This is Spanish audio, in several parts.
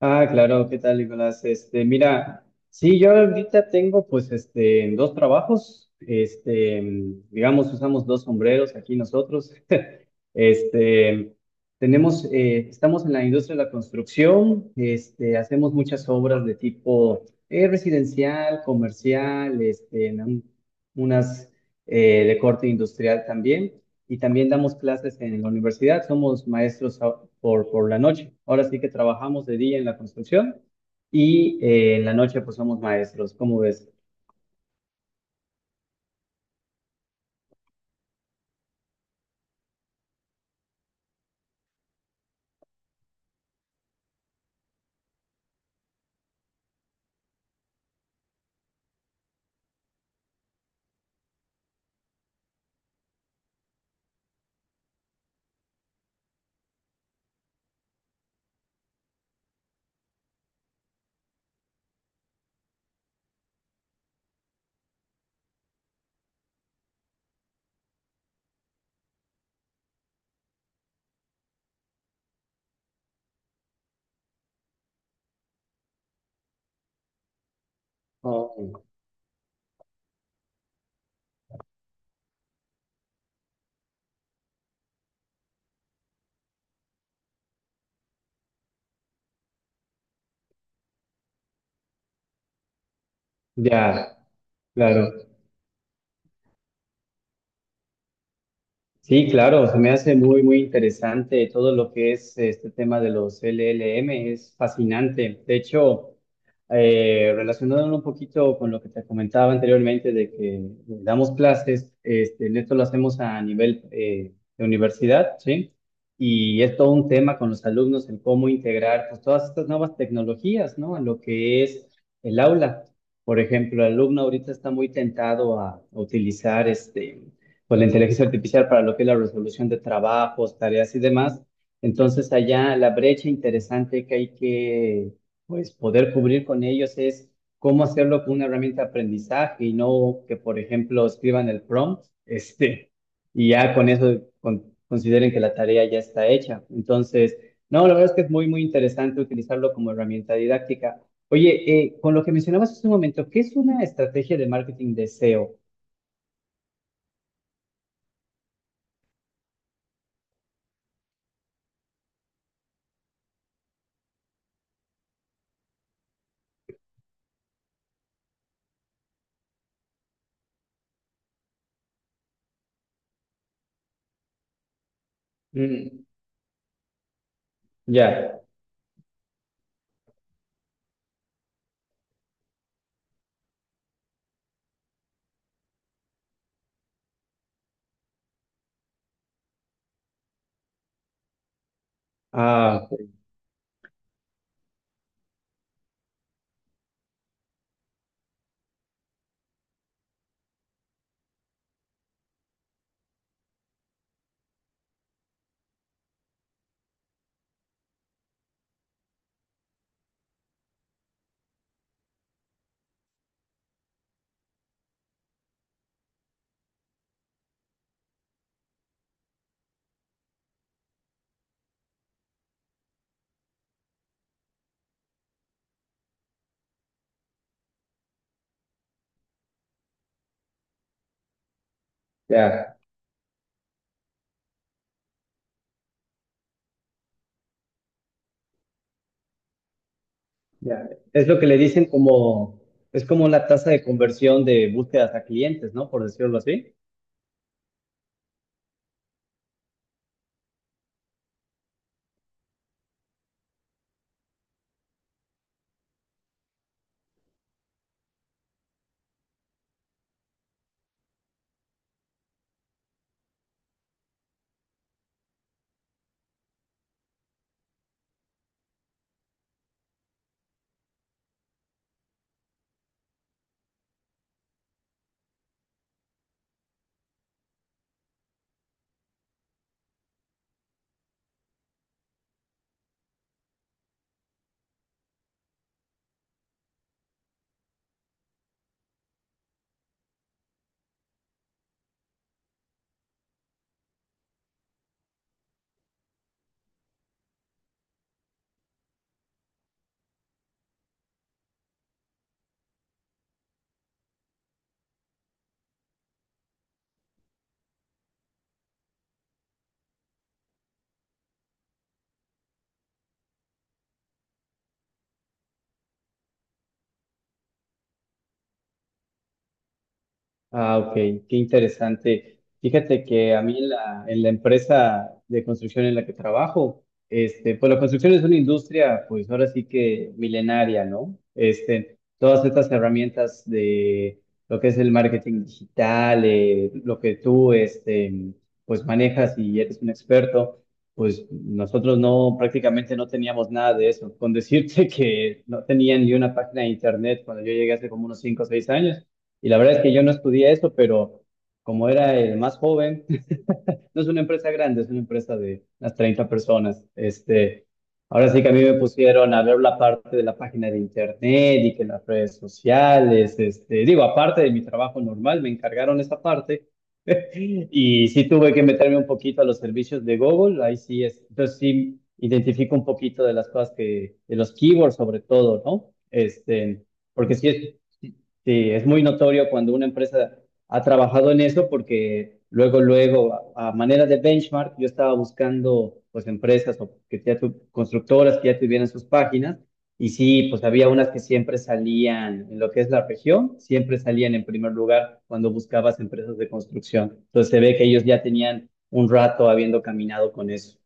Ah, claro, ¿qué tal, Nicolás? Mira, sí, yo ahorita tengo pues dos trabajos, digamos, usamos dos sombreros aquí nosotros, este, estamos en la industria de la construcción, hacemos muchas obras de tipo residencial, comercial, en unas de corte industrial también, y también damos clases en la universidad, somos maestros por la noche. Ahora sí que trabajamos de día en la construcción y en la noche pues somos maestros, ¿cómo ves? Oh, ya, claro. Sí, claro, se me hace muy, muy interesante todo lo que es este tema de los LLM, es fascinante. De hecho, relacionándolo un poquito con lo que te comentaba anteriormente de que damos clases, en esto lo hacemos a nivel de universidad, ¿sí? Y es todo un tema con los alumnos, el cómo integrar pues todas estas nuevas tecnologías, ¿no? A lo que es el aula. Por ejemplo, el alumno ahorita está muy tentado a utilizar pues la inteligencia artificial para lo que es la resolución de trabajos, tareas y demás. Entonces, allá la brecha interesante que hay que pues poder cubrir con ellos es cómo hacerlo con una herramienta de aprendizaje y no que, por ejemplo, escriban el prompt, y ya con eso consideren que la tarea ya está hecha. Entonces, no, la verdad es que es muy, muy interesante utilizarlo como herramienta didáctica. Oye, con lo que mencionabas hace un momento, ¿qué es una estrategia de marketing de SEO? Mm, ya. Ah, ok, ya, ya. Es lo que le dicen como, es como la tasa de conversión de búsquedas a clientes, ¿no? Por decirlo así. Ah, ok, qué interesante. Fíjate que a mí en la empresa de construcción en la que trabajo, pues la construcción es una industria, pues ahora sí que milenaria, ¿no? Todas estas herramientas de lo que es el marketing digital, lo que tú, pues manejas y eres un experto, pues nosotros no, prácticamente no teníamos nada de eso. Con decirte que no tenía ni una página de internet cuando yo llegué hace como unos 5 o 6 años. Y la verdad es que yo no estudié eso, pero como era el más joven, no es una empresa grande, es una empresa de unas 30 personas. Ahora sí que a mí me pusieron a ver la parte de la página de internet y que las redes sociales, digo, aparte de mi trabajo normal, me encargaron esa parte. Y sí tuve que meterme un poquito a los servicios de Google, ahí sí es. Entonces sí identifico un poquito de las cosas de los keywords sobre todo, ¿no? Porque sí, es muy notorio cuando una empresa ha trabajado en eso porque luego, luego, a manera de benchmark, yo estaba buscando pues empresas o que ya constructoras que ya tuvieran sus páginas y sí, pues había unas que siempre salían en lo que es la región, siempre salían en primer lugar cuando buscabas empresas de construcción. Entonces se ve que ellos ya tenían un rato habiendo caminado con eso.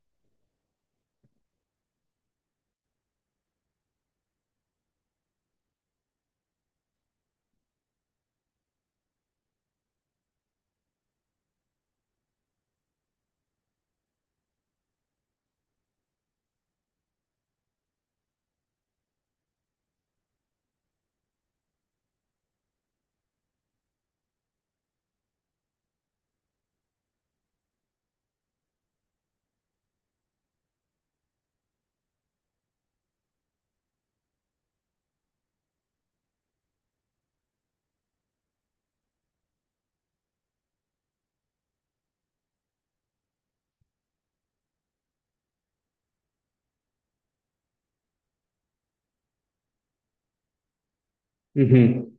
Ujú,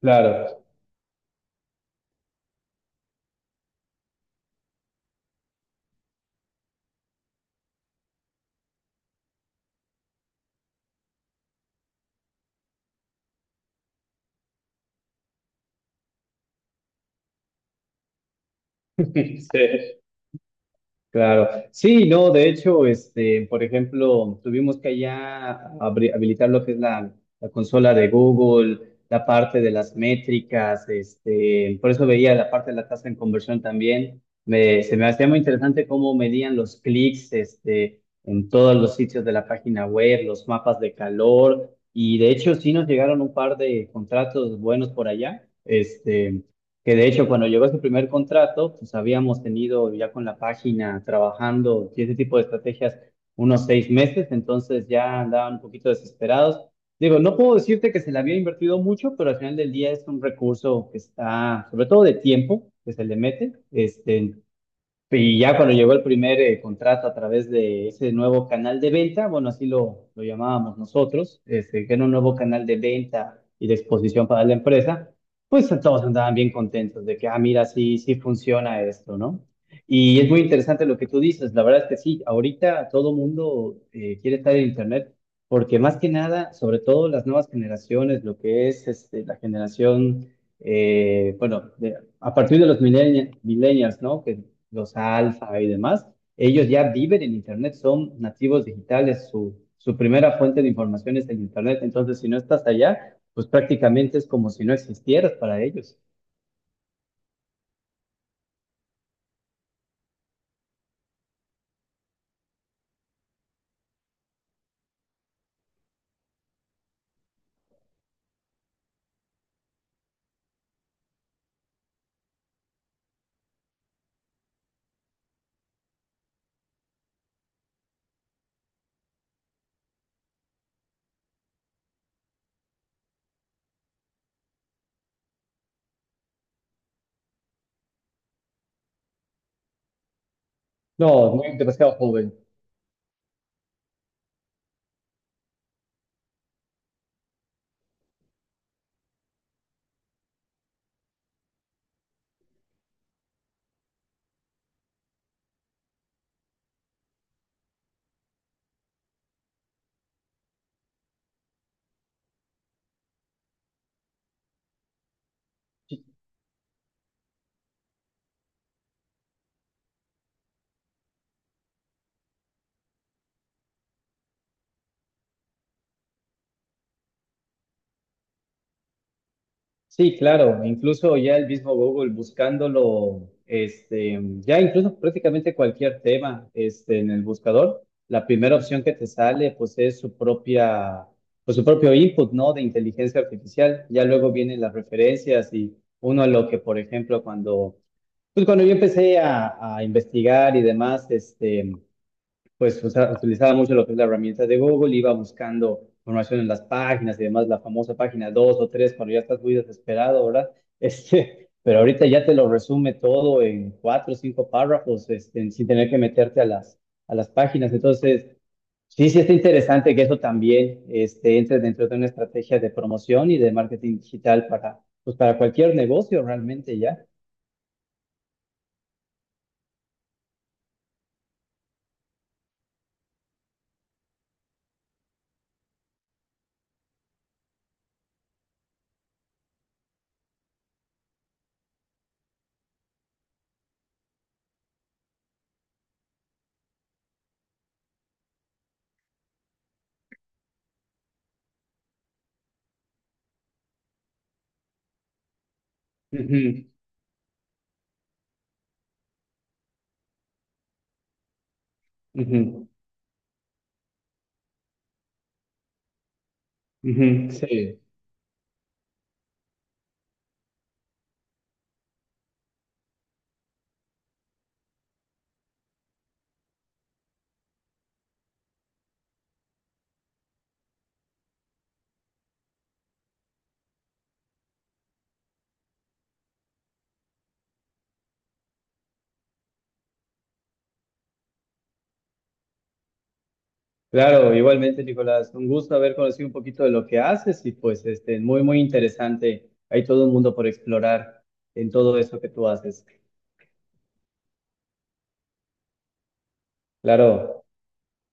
claro, sí. Claro, sí, no, de hecho, por ejemplo, tuvimos que allá habilitar lo que es la consola de Google, la parte de las métricas, por eso veía la parte de la tasa en conversión también. Se me hacía muy interesante cómo medían los clics, en todos los sitios de la página web, los mapas de calor, y de hecho sí nos llegaron un par de contratos buenos por allá. Que de hecho, cuando llegó su primer contrato, pues habíamos tenido ya con la página trabajando y ese tipo de estrategias unos 6 meses, entonces ya andaban un poquito desesperados. Digo, no puedo decirte que se le había invertido mucho, pero al final del día es un recurso que está, sobre todo de tiempo, que se le mete. Y ya cuando llegó el primer contrato a través de ese nuevo canal de venta, bueno, así lo llamábamos nosotros, que era un nuevo canal de venta y de exposición para la empresa, pues todos andaban bien contentos de que, ah, mira, sí, sí funciona esto, ¿no? Y es muy interesante lo que tú dices, la verdad es que sí, ahorita todo mundo quiere estar en Internet, porque más que nada, sobre todo las nuevas generaciones, lo que es la generación bueno, a partir de los millennials, ¿no? Que los alfa y demás, ellos ya viven en Internet, son nativos digitales, su primera fuente de información es el Internet, entonces si no estás allá, pues prácticamente es como si no existieras para ellos. No, muy demasiado joven. Sí, claro, incluso ya el mismo Google buscándolo, ya incluso prácticamente cualquier tema, en el buscador, la primera opción que te sale, pues es su propia, pues su propio input, ¿no? De inteligencia artificial. Ya luego vienen las referencias y uno a lo que, por ejemplo, pues cuando yo empecé a investigar y demás, pues utilizaba mucho lo que es la herramienta de Google, iba buscando información en las páginas y demás, la famosa página 2 o 3 cuando ya estás muy desesperado, ¿verdad? Pero ahorita ya te lo resume todo en cuatro o cinco párrafos, sin tener que meterte a a las páginas. Entonces, sí, sí está interesante que eso también entre dentro de una estrategia de promoción y de marketing digital para, pues, para cualquier negocio realmente ya. Ujú, ujú, ujú, sí. Claro, igualmente, Nicolás, un gusto haber conocido un poquito de lo que haces y pues muy, muy interesante. Hay todo un mundo por explorar en todo eso que tú haces. Claro.